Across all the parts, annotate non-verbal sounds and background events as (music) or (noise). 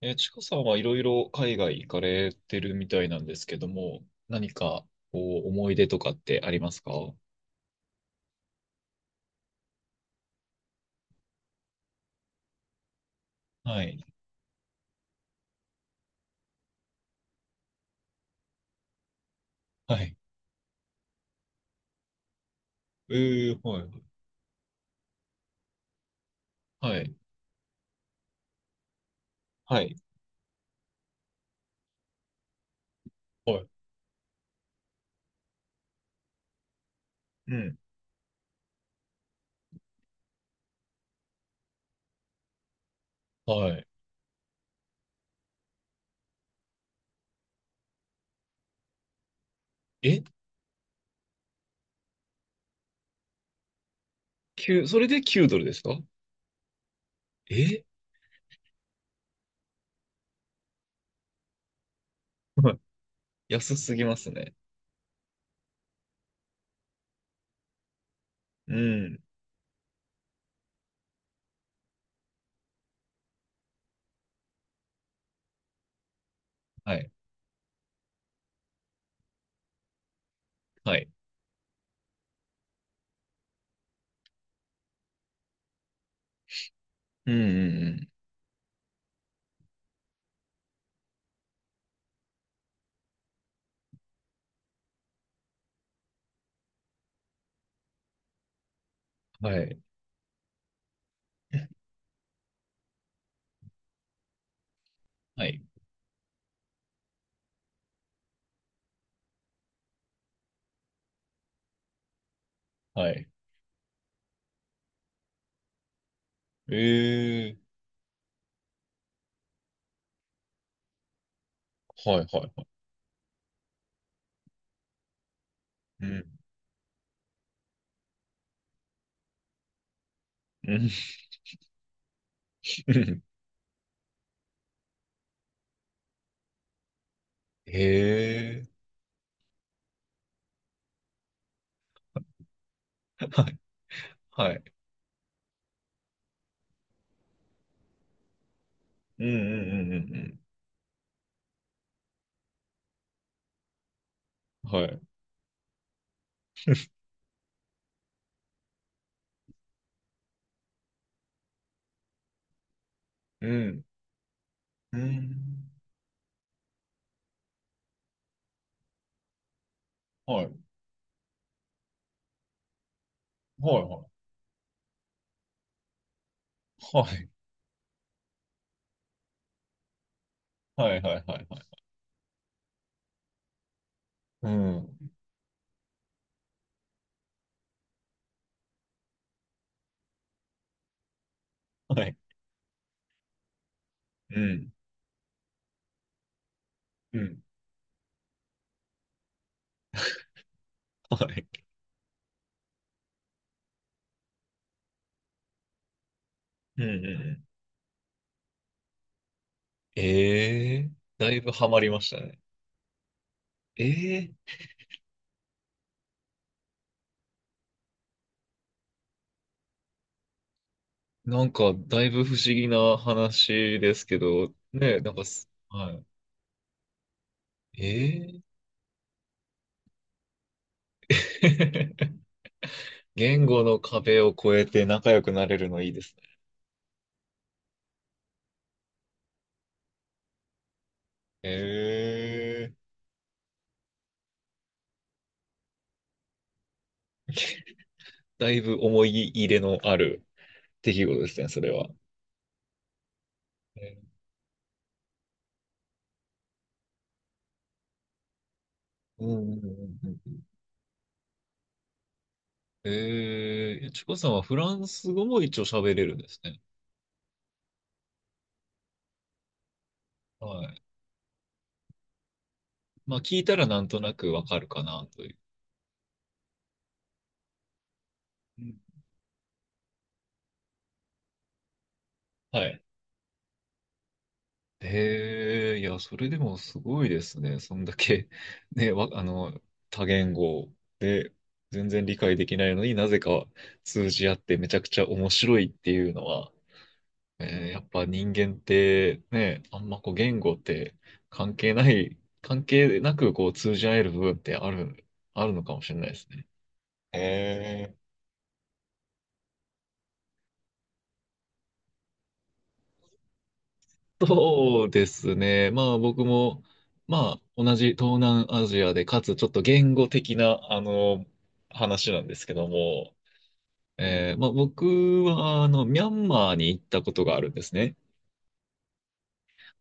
ちかさんはいろいろ海外行かれてるみたいなんですけども、何かこう思い出とかってありますか？はい。はい。えはい。はい。はい。はい。うん。はい。え？ 9、それで9ドルですか？えはい。 (laughs) 安すぎますね。うん。はい。はい。うんうんうん。はい。はい。はい。えはいはいはい。うん。うん。(laughs) うん。へえ。はい。はい。うんうんうんうんうん。はい。うんうん。はい。はいはい。はい。はいはいはいはい。うん。はい。うん。うん。はい。うんうんうん。ええー、だいぶハマりましたね。ええー、なんか、だいぶ不思議な話ですけど、ね、なんかす、はい。ええー、 (laughs) 言語の壁を越えて仲良くなれるのいいですね。ええー、だいぶ思い入れのある出来事ですね、それは。えうんうんうんうん。ええ、ちこさんはフランス語も一応喋れるんですね。はい。まあ聞いたらなんとなくわかるかなという。うん。はい。ええ、いや、それでもすごいですね。そんだけ、(laughs) ね、多言語で全然理解できないのになぜか通じ合ってめちゃくちゃ面白いっていうのは、やっぱ人間ってね、あんまこう言語って関係ない、関係なくこう通じ合える部分ってあるのかもしれないですね。えそうですね。まあ僕も、まあ同じ東南アジアで、かつちょっと言語的な、話なんですけども、まあ僕は、ミャンマーに行ったことがあるんですね。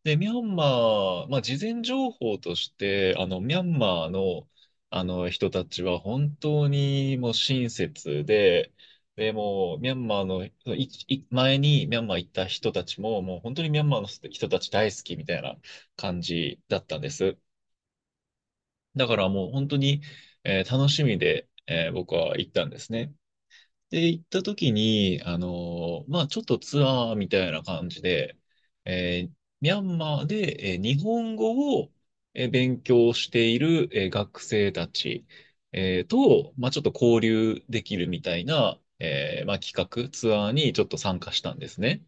で、ミャンマー、まあ、事前情報として、ミャンマーの、あの人たちは本当にもう親切で、で、もう、ミャンマーの、前にミャンマー行った人たちも、もう本当にミャンマーの人たち大好きみたいな感じだったんです。だからもう本当に、楽しみで、僕は行ったんですね。で、行った時に、まあ、ちょっとツアーみたいな感じで、えーミャンマーで、日本語を、勉強している、学生たち、まあ、ちょっと交流できるみたいな、まあ、企画、ツアーにちょっと参加したんですね。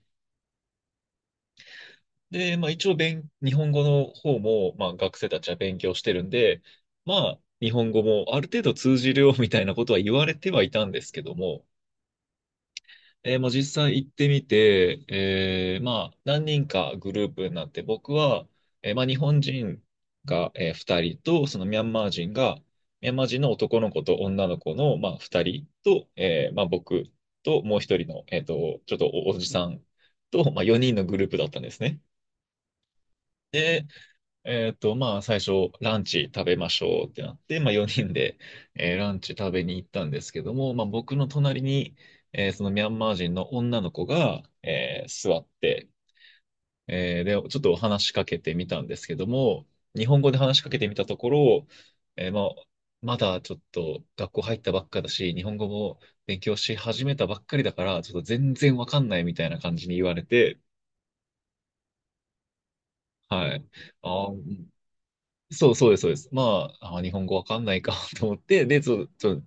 で、まあ、一応日本語の方も、まあ、学生たちは勉強してるんで、まあ、日本語もある程度通じるよみたいなことは言われてはいたんですけども、もう実際行ってみて、まあ、何人かグループになって、僕は、まあ、日本人が、2人と、ミャンマー人の男の子と女の子の、まあ、2人と、まあ、僕ともう一人の、ちょっとおじさんと、まあ、4人のグループだったんですね。で、まあ、最初、ランチ食べましょうってなって、まあ、4人で、ランチ食べに行ったんですけども、まあ、僕の隣に、そのミャンマー人の女の子が、座って、で、ちょっと話しかけてみたんですけども、日本語で話しかけてみたところ、まあ、まだちょっと学校入ったばっかだし、日本語も勉強し始めたばっかりだから、ちょっと全然わかんないみたいな感じに言われて、はい。あー、そう、そうです、そうです。まあ、日本語わかんないか (laughs) と思って、で、ちょ、ちょ、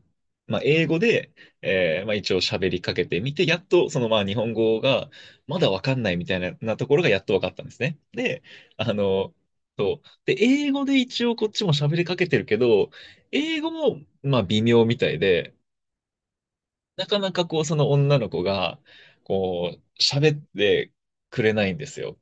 まあ、英語で、まあ、一応喋りかけてみて、やっと、まあ、日本語が、まだわかんないみたい、なところがやっとわかったんですね。で、あの、そう。で、英語で一応こっちも喋りかけてるけど、英語も、まあ、微妙みたいで、なかなかこう、その女の子が、こう、喋ってくれないんですよ。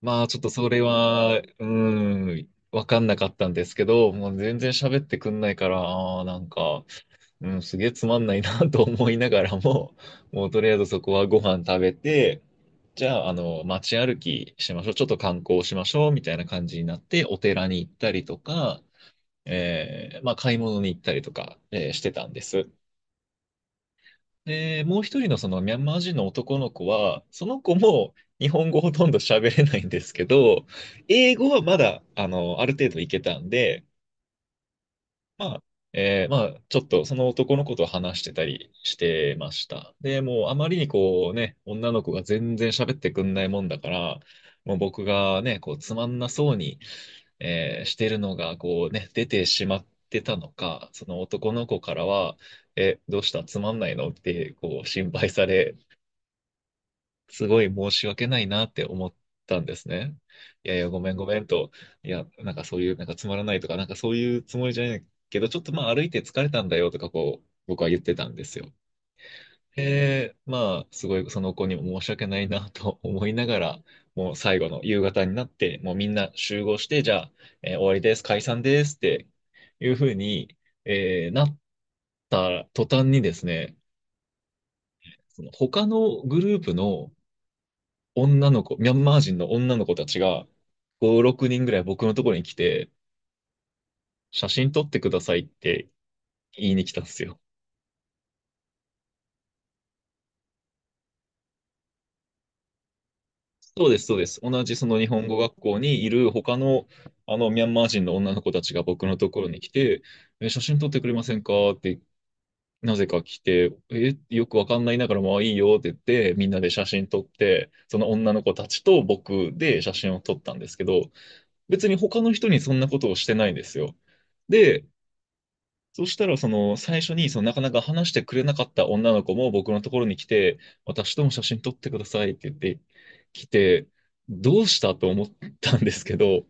まあちょっとそれは、わかんなかったんですけど、もう全然喋ってくんないから、なんか、うん、すげえつまんないな (laughs) と思いながらも、(laughs) もうとりあえずそこはご飯食べて、じゃあ、街歩きしましょう。ちょっと観光しましょう。みたいな感じになって、お寺に行ったりとか、まあ買い物に行ったりとか、してたんです。で、もう一人のそのミャンマー人の男の子は、その子も日本語ほとんど喋れないんですけど、英語はまだ、ある程度いけたんで、まあ、まあ、ちょっとその男の子と話してたりしてました。で、もうあまりにこうね、女の子が全然喋ってくんないもんだから、もう僕がね、こうつまんなそうに、してるのがこうね、出てしまってたのか、その男の子からは、え、どうしたつまんないのってこう心配され、すごい申し訳ないなって思ったんですね。いやいや、ごめんごめんと、いや、なんかそういう、なんかつまらないとか、なんかそういうつもりじゃないけど、ちょっとまあ歩いて疲れたんだよとか、こう、僕は言ってたんですよ。で、まあ、すごいその子にも申し訳ないなと思いながら、もう最後の夕方になって、もうみんな集合して、じゃあ、終わりです、解散ですっていうふうに、なった途端にですね、その他のグループの、女の子、ミャンマー人の女の子たちが、5、6人ぐらい僕のところに来て、写真撮ってくださいって言いに来たんですよ。そうです、そうです。同じその日本語学校にいる他の、ミャンマー人の女の子たちが僕のところに来て、え、写真撮ってくれませんかって、なぜか来て、え、よくわかんないながらも、まあいいよって言って、みんなで写真撮って、その女の子たちと僕で写真を撮ったんですけど、別に他の人にそんなことをしてないんですよ。で、そしたら、最初に、なかなか話してくれなかった女の子も僕のところに来て、私とも写真撮ってくださいって言って来て、どうしたと思ったんですけど、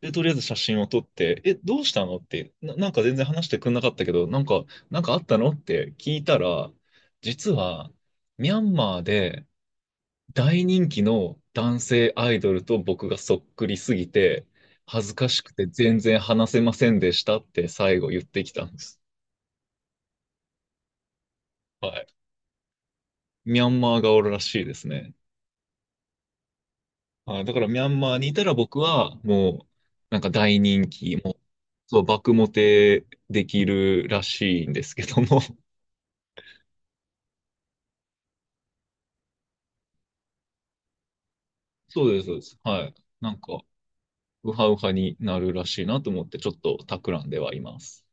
で、とりあえず写真を撮って、え、どうしたのって、なんか全然話してくれなかったけど、なんかあったのって聞いたら、実は、ミャンマーで大人気の男性アイドルと僕がそっくりすぎて、恥ずかしくて全然話せませんでしたって最後言ってきたんです。はい。ミャンマーがおるらしいですね。あ、だからミャンマーにいたら僕はもう、なんか大人気、もう、そう、爆モテできるらしいんですけども。(laughs) そうです、そうです。はい。なんか、ウハウハになるらしいなと思って、ちょっと企んではいます。